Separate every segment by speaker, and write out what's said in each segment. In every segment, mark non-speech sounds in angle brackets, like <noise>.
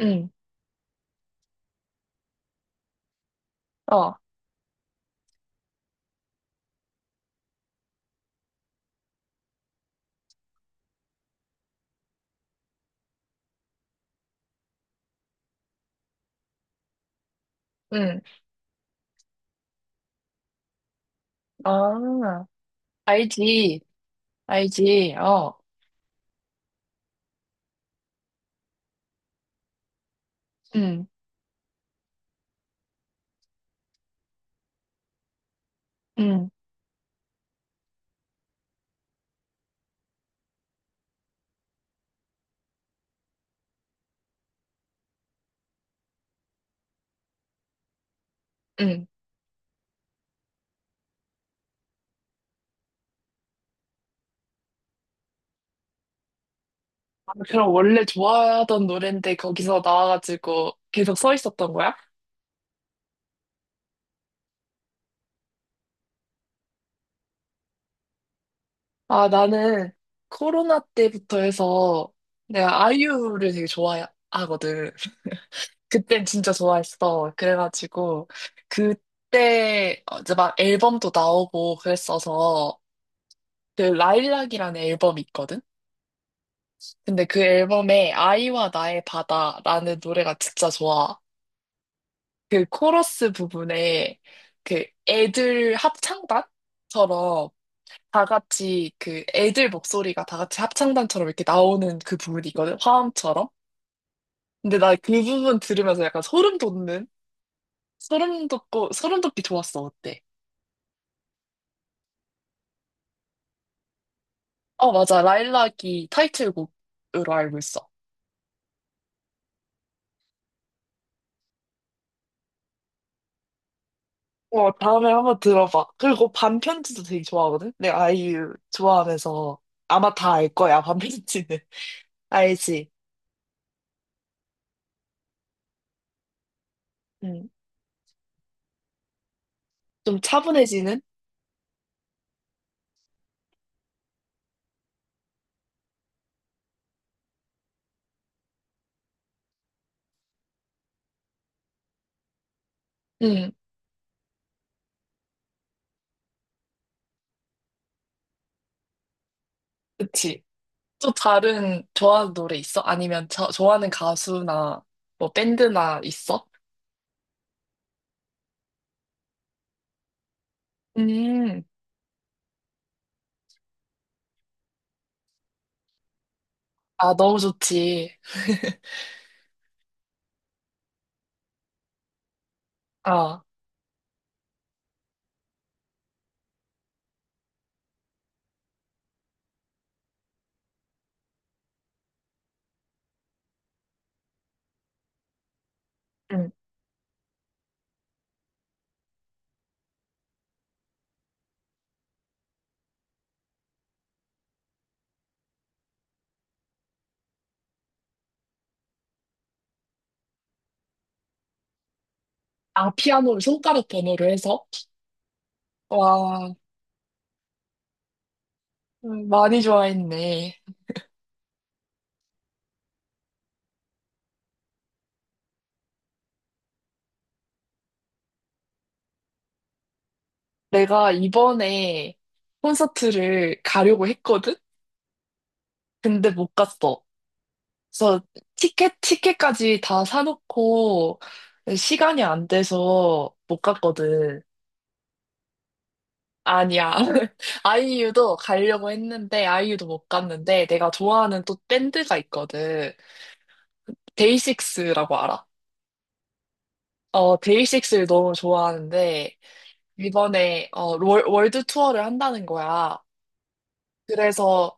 Speaker 1: 응, 어, 응, 아, 알지, 알지, 어, 응, 응. 응. 아, 그럼 원래 좋아하던 노랜데 거기서 나와가지고 계속 서 있었던 거야? 아, 나는 코로나 때부터 해서 내가 아이유를 되게 좋아하거든. 그땐 진짜 좋아했어. 그래가지고 그때 이제 막 앨범도 나오고 그랬어서 그 라일락이라는 앨범이 있거든? 근데 그 앨범에 아이와 나의 바다라는 노래가 진짜 좋아. 그 코러스 부분에 그 애들 합창단처럼 다 같이 그 애들 목소리가 다 같이 합창단처럼 이렇게 나오는 그 부분이 있거든. 화음처럼. 근데 나 그 부분 들으면서 약간 소름 돋는? 소름 돋고, 소름 돋기 좋았어. 어때? 어, 맞아. 라일락이 타이틀곡으로 알고 있어. 어, 다음에 한번 들어봐. 그리고 반편지도 되게 좋아하거든? 내가 아이유 좋아하면서 아마 다 알 거야, 반편지는. <laughs> 알지? 응. 좀 차분해지는? 응, 그치. 또 다른 좋아하는 노래 있어? 아니면 저, 좋아하는 가수나 뭐 밴드나 있어? 음, 아, 너무 좋지. <laughs> 아, 응. 아, 피아노를 손가락 번호로 해서? 와, 많이 좋아했네. 내가 이번에 콘서트를 가려고 했거든? 근데 못 갔어. 그래서 티켓까지 다 사놓고 시간이 안 돼서 못 갔거든. 아니야. <laughs> 아이유도 가려고 했는데, 아이유도 못 갔는데, 내가 좋아하는 또 밴드가 있거든. 데이식스라고 알아? 어, 데이식스를 너무 좋아하는데, 이번에, 월드 투어를 한다는 거야. 그래서,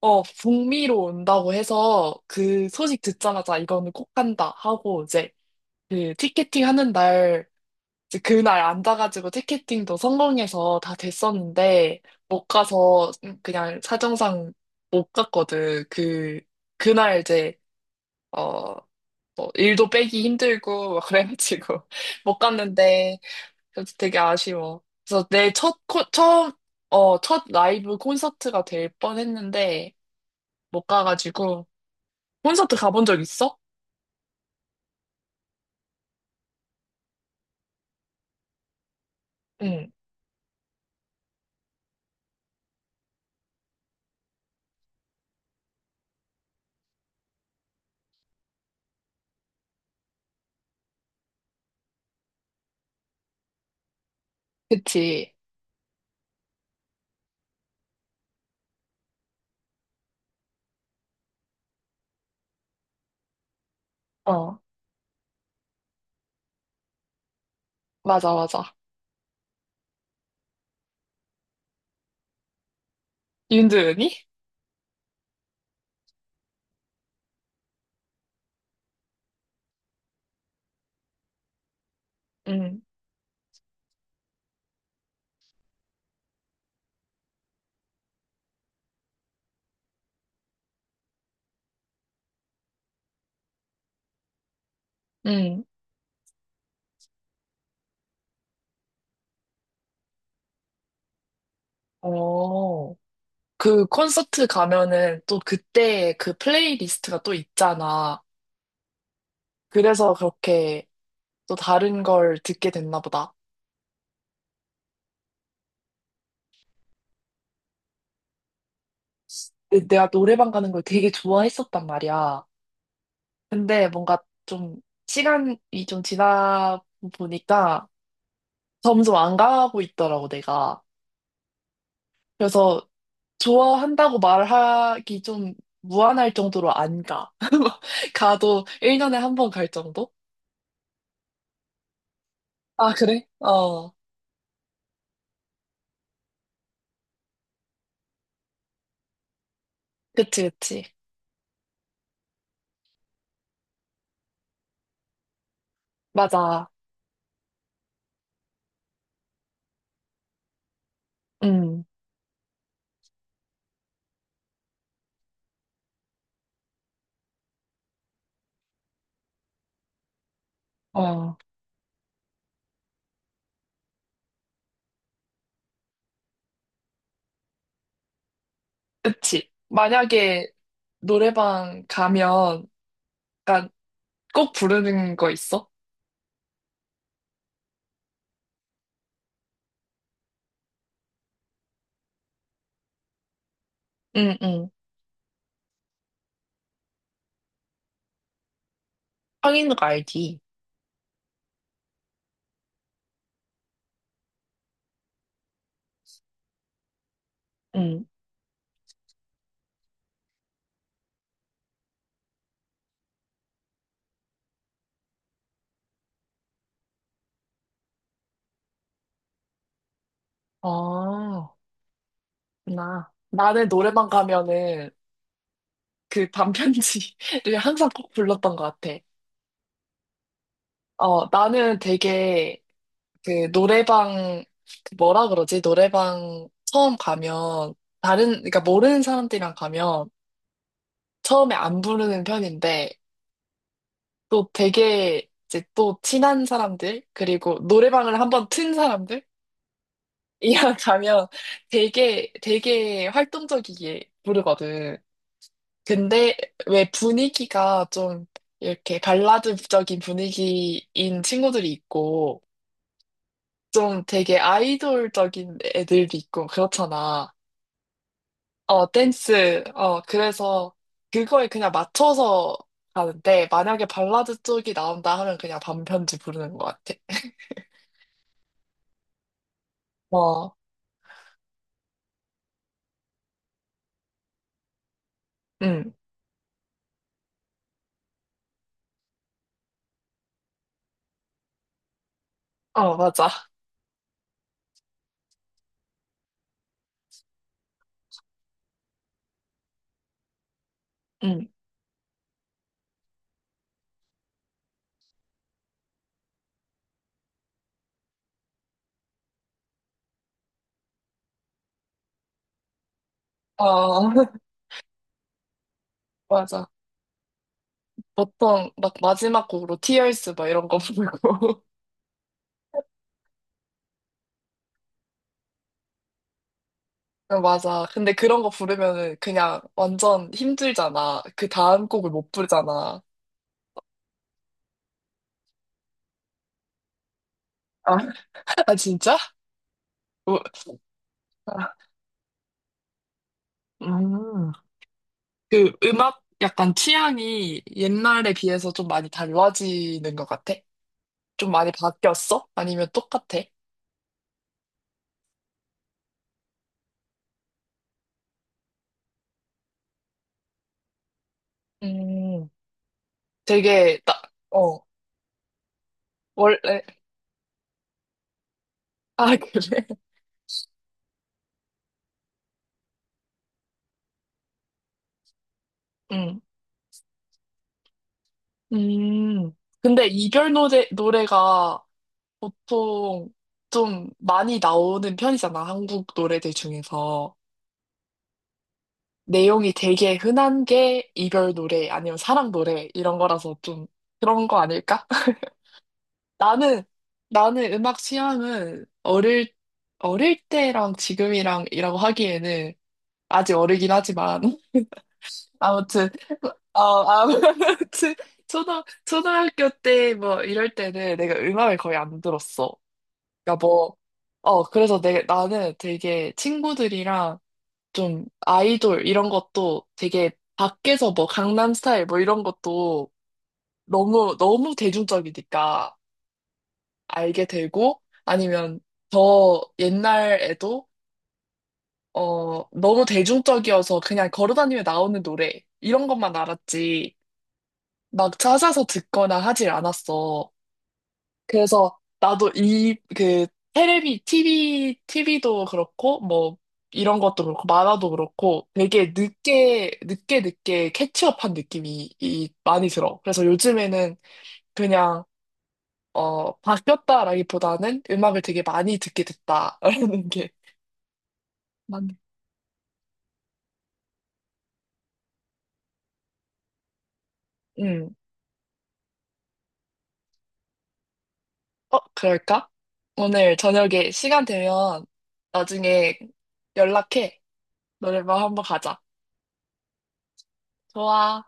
Speaker 1: 북미로 온다고 해서 그 소식 듣자마자 이거는 꼭 간다 하고 이제 그 티켓팅 하는 날, 이제 그날 앉아가지고 티켓팅도 성공해서 다 됐었는데, 못 가서 그냥 사정상 못 갔거든. 그날 이제, 어, 뭐 일도 빼기 힘들고, 막 그래가지고, <laughs> 못 갔는데, 그래서 되게 아쉬워. 그래서 내 첫, 코, 처음, 어, 첫 라이브 콘서트가 될 뻔했는데, 못 가가지고, 콘서트 가본 적 있어? 응, 그치. 어, 맞아, 맞아. 윤도현이? 응. 응. 어. 그 콘서트 가면은 또 그때 그 플레이리스트가 또 있잖아. 그래서 그렇게 또 다른 걸 듣게 됐나 보다. 근데 내가 노래방 가는 걸 되게 좋아했었단 말이야. 근데 뭔가 좀 시간이 좀 지나 보니까 점점 안 가고 있더라고, 내가. 그래서 좋아한다고 말하기 좀 무안할 정도로 안 가. <laughs> 가도 1년에 한 번 갈 정도? 아, 그래? 어. 그치, 그치. 맞아. 음, 어, 그치. 만약에 노래방 가면, 그니까 꼭 부르는 거 있어? 응, 응, 하인욱 알지? 응. 아, 나. 나는 노래방 가면은 그 반편지를 <laughs> 항상 꼭 불렀던 것 같아. 어, 나는 되게 그 노래방, 그 뭐라 그러지? 노래방 처음 가면, 다른, 그러니까 모르는 사람들이랑 가면 처음에 안 부르는 편인데, 또 되게 이제 또 친한 사람들, 그리고 노래방을 한번 튼 사람들? <laughs> 이랑 가면 되게, 되게 활동적이게 부르거든. 근데 왜 분위기가 좀 이렇게 발라드적인 분위기인 친구들이 있고, 좀 되게 아이돌적인 애들도 있고, 그렇잖아. 어, 댄스. 어, 그래서 그거에 그냥 맞춰서 가는데, 만약에 발라드 쪽이 나온다 하면 그냥 반편지 부르는 것 같아. 어. 응. 어, 맞아. 응. 어, <laughs> 맞아. 보통 막 마지막 곡으로 Tears 막 이런 거 부르고. <laughs> 어, 맞아. 근데 그런 거 부르면은 그냥 완전 힘들잖아. 그 다음 곡을 못 부르잖아. 아, <laughs> 아, 진짜? 우- 아, 음. 그 음악 약간 취향이 옛날에 비해서 좀 많이 달라지는 것 같아? 좀 많이 바뀌었어? 아니면 똑같아? 음. 되게, 딱, 어, 원래, 아, 그래? 음, 근데 이별 노래, 노래가 보통 좀 많이 나오는 편이잖아, 한국 노래들 중에서. 내용이 되게 흔한 게 이별 노래, 아니면 사랑 노래, 이런 거라서 좀 그런 거 아닐까? <laughs> 나는, 나는 음악 취향은 어릴, 어릴 때랑 지금이랑이라고 하기에는 아직 어리긴 하지만, <laughs> 아무튼, 아무튼, 초등학교 때 뭐 이럴 때는 내가 음악을 거의 안 들었어. 그러니까 뭐, 그래서 나는 되게 친구들이랑 좀 아이돌 이런 것도 되게 밖에서 뭐 강남 스타일 뭐 이런 것도 너무, 너무 대중적이니까 알게 되고 아니면 더 옛날에도 너무 대중적이어서 그냥 걸어다니며 나오는 노래 이런 것만 알았지 막 찾아서 듣거나 하질 않았어. 그래서 나도 이, 그, TV도 그렇고, 뭐, 이런 것도 그렇고, 만화도 그렇고, 되게 늦게, 늦게, 늦게 캐치업한 느낌이 많이 들어. 그래서 요즘에는 그냥, 바뀌었다라기보다는 음악을 되게 많이 듣게 됐다라는 게 맞네. 음. 어, 그럴까? 오늘 저녁에 시간 되면 나중에 연락해. 노래방 한번 가자. 좋아.